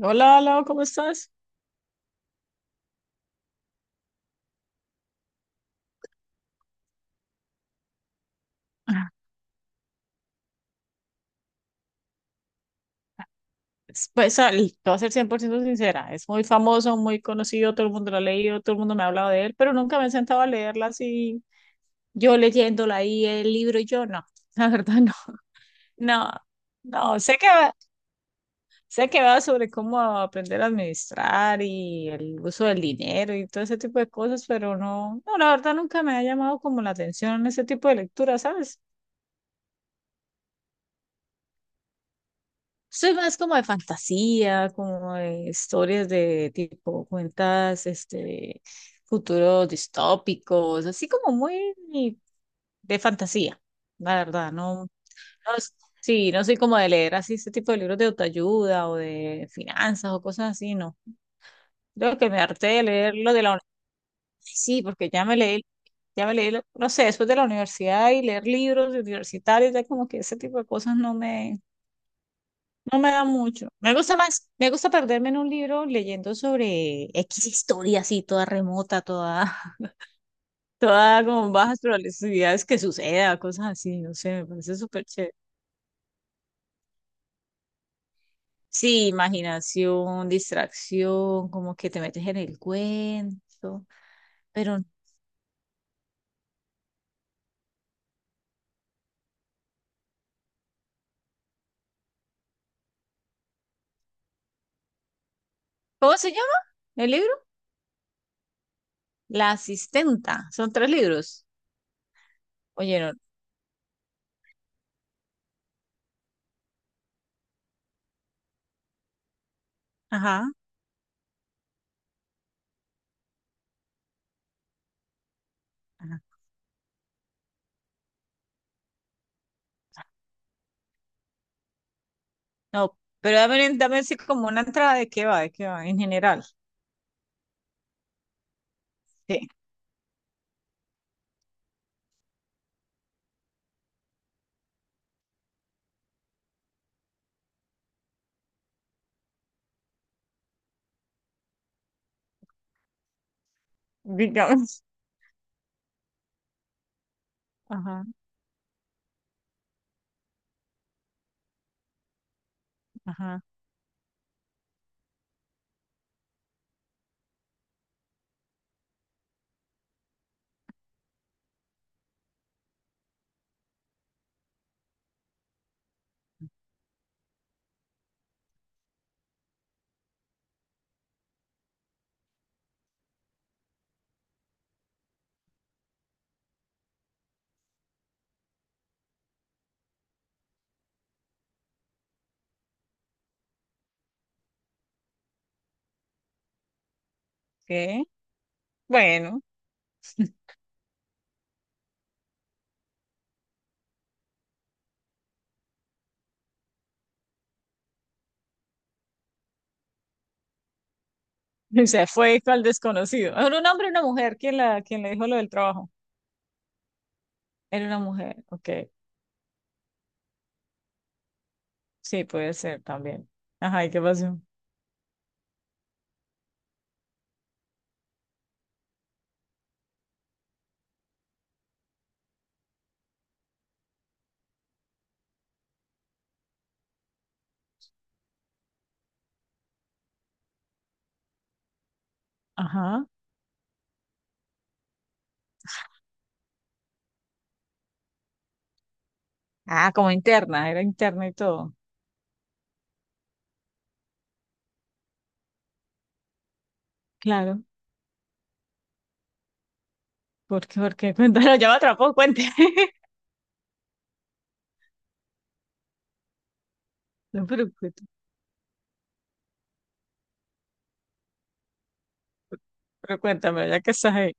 Hola, Lau, ¿cómo estás? Ah. Pues, te voy a ser 100% sincera, es muy famoso, muy conocido, todo el mundo lo ha leído, todo el mundo me ha hablado de él, pero nunca me he sentado a leerla así, yo leyéndola ahí, el libro y yo, no, la verdad no, no, no, sé que va, sobre cómo aprender a administrar y el uso del dinero y todo ese tipo de cosas, pero no, no, la verdad nunca me ha llamado como la atención ese tipo de lectura, ¿sabes? Soy más como de fantasía, como de historias de tipo cuentas, este, futuros distópicos, así como muy de fantasía, la verdad, no, no, sí, no soy como de leer así este tipo de libros de autoayuda o de finanzas o cosas así, no. Creo que me harté de leer lo de la universidad, sí, porque ya me leí, no sé, después de la universidad y leer libros universitarios, ya como que ese tipo de cosas no me da mucho. Me gusta más, me gusta perderme en un libro leyendo sobre X historia así, toda remota, toda, toda con bajas probabilidades que suceda, cosas así, no sé, me parece súper chévere. Sí, imaginación, distracción, como que te metes en el cuento, pero ¿cómo se llama el libro? La asistenta, son tres libros. Oyeron, ajá, ajá. No, pero dame, así como una entrada de qué va, en general. Sí, digamos. Ajá. Ajá. Ok. Bueno, o sea, fue esto al desconocido. ¿Era un hombre o una mujer? ¿Quién la, quién le dijo lo del trabajo? Era una mujer, ok. Sí, puede ser también. Ajá, ¿y qué pasó? Ajá. Ah, como interna, era interna y todo. Claro, porque, cuéntalo, ya me atrapó, cuente. No, pero, pero cuéntame, ya que estás ahí.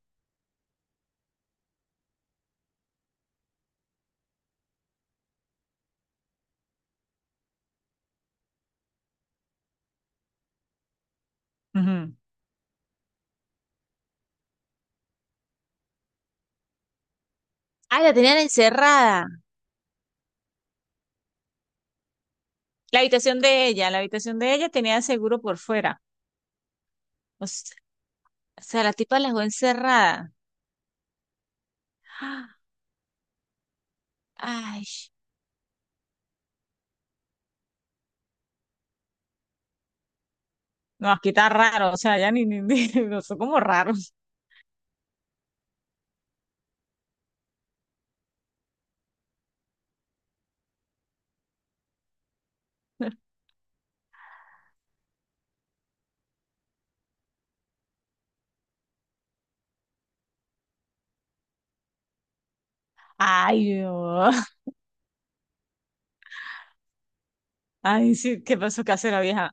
Ujú. Ah, la tenían encerrada. La habitación de ella tenía seguro por fuera. O s- o sea, la tipa la dejó encerrada. Ay. No, aquí está raro, o sea, ya no son como raros. Ay, no. Ay, sí, ¿qué pasó? ¿Qué hace la vieja?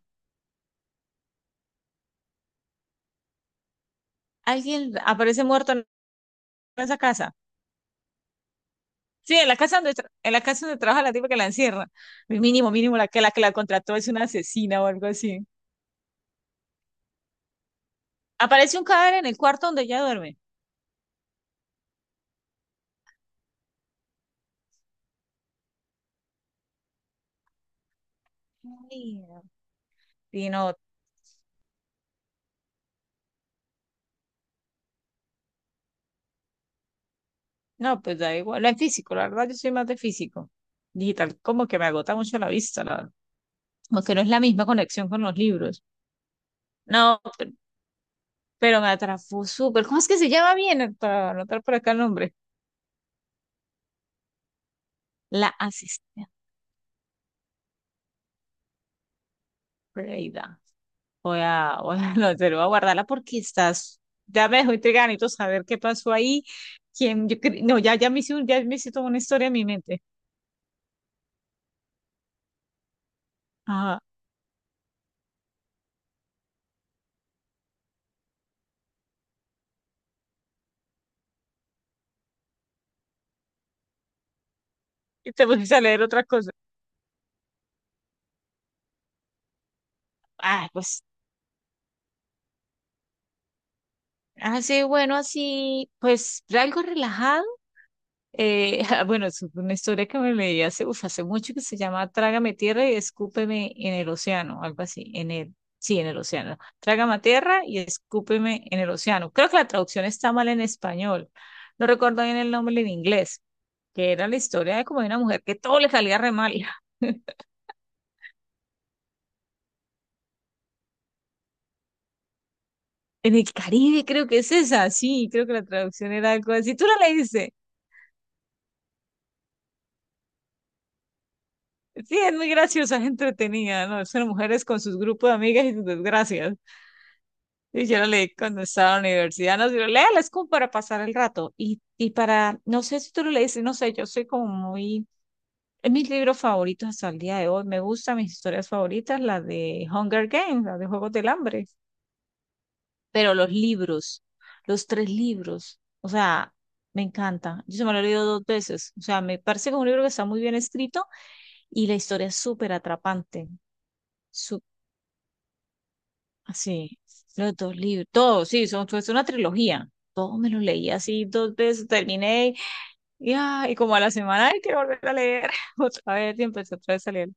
Alguien aparece muerto en esa casa. Sí, en la casa donde, en la casa donde trabaja la tipa que la encierra. Mínimo, mínimo, que la contrató es una asesina o algo así. Aparece un cadáver en el cuarto donde ella duerme. Ay, no. Y no, no, pues da igual. No es físico, la verdad, yo soy más de físico. Digital, como que me agota mucho la vista, la verdad. Como que no es la misma conexión con los libros. No, pero me atrapó súper. ¿Cómo es que se llama bien? Para anotar por acá el nombre. La asistente Freida. Voy a, no te lo voy a guardarla porque estás, ya me dejó intrigada, necesito saber qué pasó ahí. Quién, no, ya, ya me hice toda una historia en mi mente. Ajá. Y te pusiste a leer otra cosa. Ah, pues, así, bueno, así, pues, algo relajado. Bueno, es una historia que me leí hace, uf, hace mucho que se llama Trágame tierra y escúpeme en el océano, algo así, en el, sí, en el océano. Trágame tierra y escúpeme en el océano. Creo que la traducción está mal en español. No recuerdo bien el nombre en inglés, que era la historia de como de una mujer que todo le salía re mal. En el Caribe creo que es esa, sí, creo que la traducción era algo así. ¿Tú la leíste? Sí, es muy graciosa, es entretenida, ¿no? Son mujeres con sus grupos de amigas y sus desgracias. Y yo lo leí cuando estaba en la universidad, nos dijo, léelo, es como para pasar el rato. Y para, no sé si tú lo leíste, no sé, yo soy como muy, es mis libros favoritos hasta el día de hoy, me gustan mis historias favoritas, la de Hunger Games, la de Juegos del Hambre, pero los tres libros, o sea, me encanta. Yo se me lo he leído dos veces, o sea, me parece que es un libro que está muy bien escrito y la historia es súper atrapante. Sí, los dos libros, todos, sí, son, fue una trilogía. Todos me los leí así dos veces, terminé y, ah, y como a la semana, ay, quiero volver a leer otra vez y empecé otra vez a leer.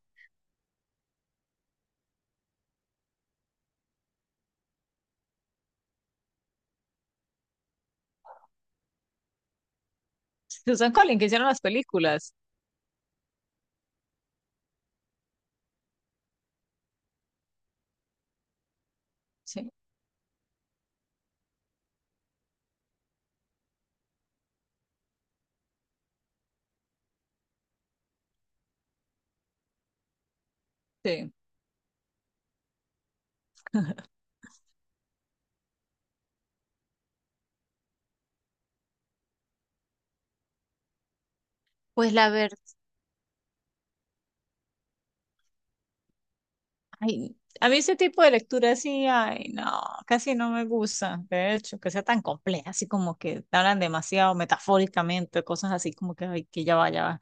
Susan Collins, que hicieron las películas. Sí, sí. Pues la verdad, ay, a mí ese tipo de lectura sí, ay, no, casi no me gusta. De hecho, que sea tan compleja, así como que te hablan demasiado metafóricamente, cosas así como que, ay, que ya vaya.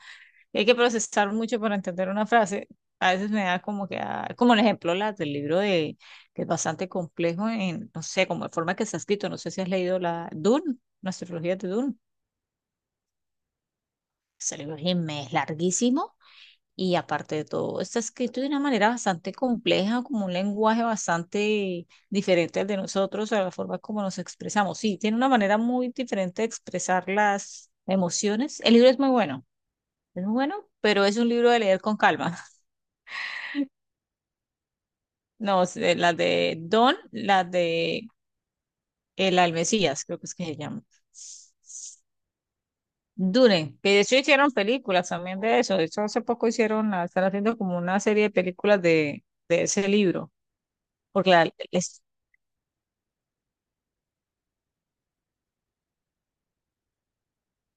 Hay que procesar mucho para entender una frase. A veces me da como que, ah, como el ejemplo la del libro de, que es bastante complejo en, no sé, como la forma que está escrito. No sé si has leído la Dune, la astrología de Dune. Ese libro es es larguísimo y aparte de todo, está escrito de una manera bastante compleja, como un lenguaje bastante diferente al de nosotros, a la forma como nos expresamos. Sí, tiene una manera muy diferente de expresar las emociones. El libro es muy bueno, pero es un libro de leer con calma. No, la de Don, la de El Almesías, creo que es que se llama. Dune, que de hecho hicieron películas también de eso. De hecho, hace poco hicieron, están haciendo como una serie de películas de ese libro. Porque la, es-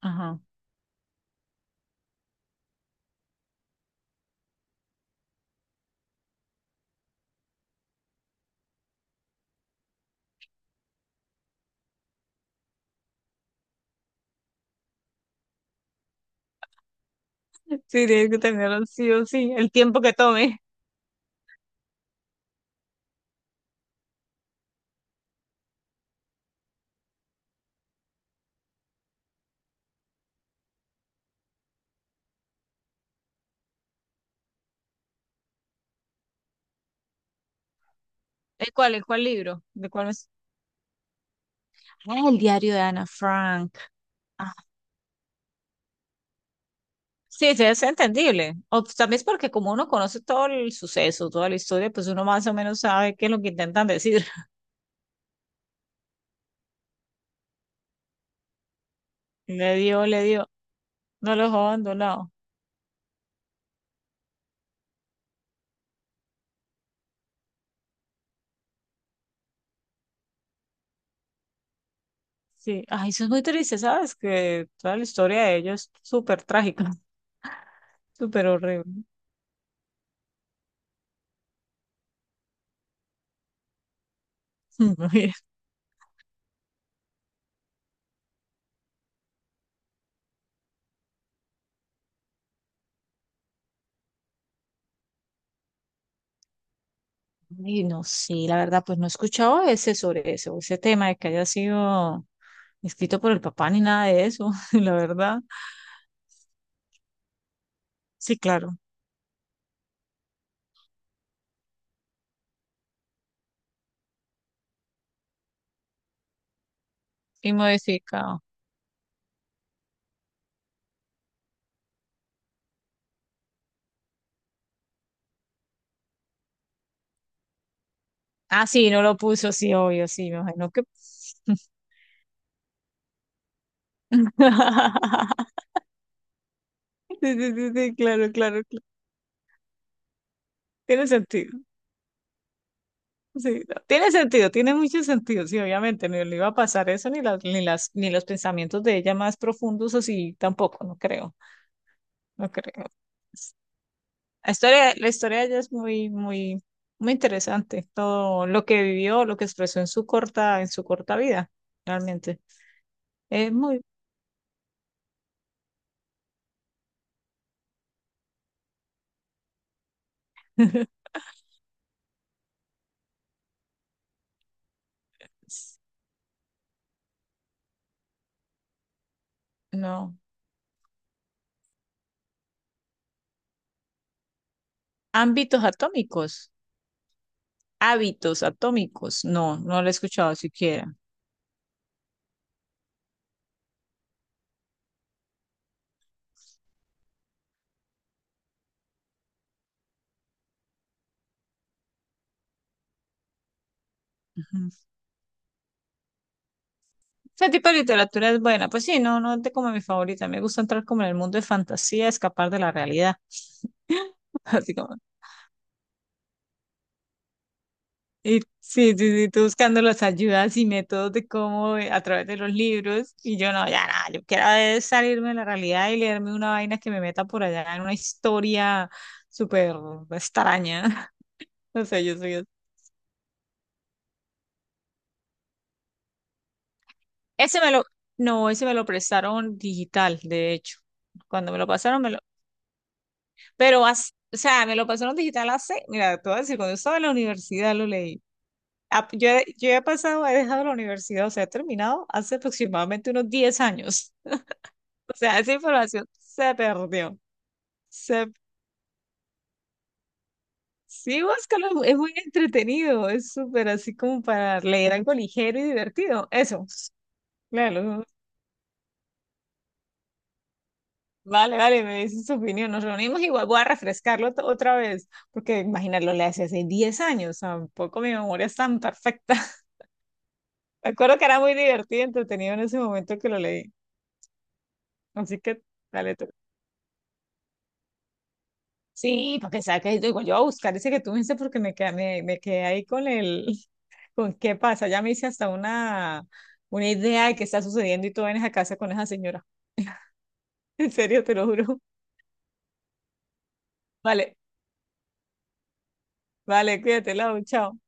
ajá. Sí, tienes que tenerlo sí o sí, el tiempo que tome. ¿El cuál? ¿El cuál libro? ¿De cuál es? Ah, el diario de Ana Frank. Ah, sí, sí, es entendible. O pues, también es porque como uno conoce todo el suceso, toda la historia, pues uno más o menos sabe qué es lo que intentan decir. Le dio, le dio. No los dejó abandonado. Sí. Ay, eso es muy triste, ¿sabes? Que toda la historia de ellos es súper trágica, súper horrible. Y no sé, la verdad, pues no he escuchado ese sobre eso, ese tema de que haya sido escrito por el papá ni nada de eso, la verdad. Sí, claro. Y modificado. Ah, sí, no lo puso, sí, obvio, sí, me imagino que. Sí, sí, sí, sí, claro, claro, claro. Tiene sentido. Sí, no, tiene sentido, tiene mucho sentido, sí, obviamente, ni le iba a pasar eso, ni los pensamientos de ella más profundos, así tampoco, no creo, no creo. La historia de ella es muy, muy, muy interesante, todo lo que vivió, lo que expresó en su corta vida, realmente. Es muy, no. Ámbitos atómicos, hábitos atómicos, no, no lo he escuchado siquiera. Ese tipo de literatura es buena. Pues sí, no, no es de como mi favorita. Me gusta entrar como en el mundo de fantasía, escapar de la realidad. Así como. Y sí, sí, sí, tú buscando las ayudas y métodos de cómo a través de los libros. Y yo no, ya nada, yo quiero es salirme de la realidad y leerme una vaina que me meta por allá en una historia súper extraña. O sea yo soy así. Ese me lo. No, ese me lo prestaron digital, de hecho. Cuando me lo pasaron, pero, o sea, me lo pasaron digital hace, mira, te voy a decir, cuando yo estaba en la universidad lo leí. Ah, yo, yo he pasado, he dejado la universidad, o sea, he terminado hace aproximadamente unos 10 años. O sea, esa información se perdió. Se, sí, búscalo, es muy entretenido, es súper así como para leer algo ligero y divertido. Eso, claro. Vale, vale, me dices tu opinión. Nos reunimos igual, voy a refrescarlo otra vez, porque imaginarlo le hace 10 años, tampoco mi memoria es tan perfecta. Me acuerdo que era muy divertido y entretenido en ese momento que lo leí. Así que, dale tú. Sí, porque sabes que digo, yo voy a buscar ese que tú me dices porque me quedé ahí con el, con qué pasa. Ya me hice hasta una idea de qué está sucediendo y tú vienes a casa con esa señora. En serio, te lo juro. Vale, vale, cuídate, Lau, chao.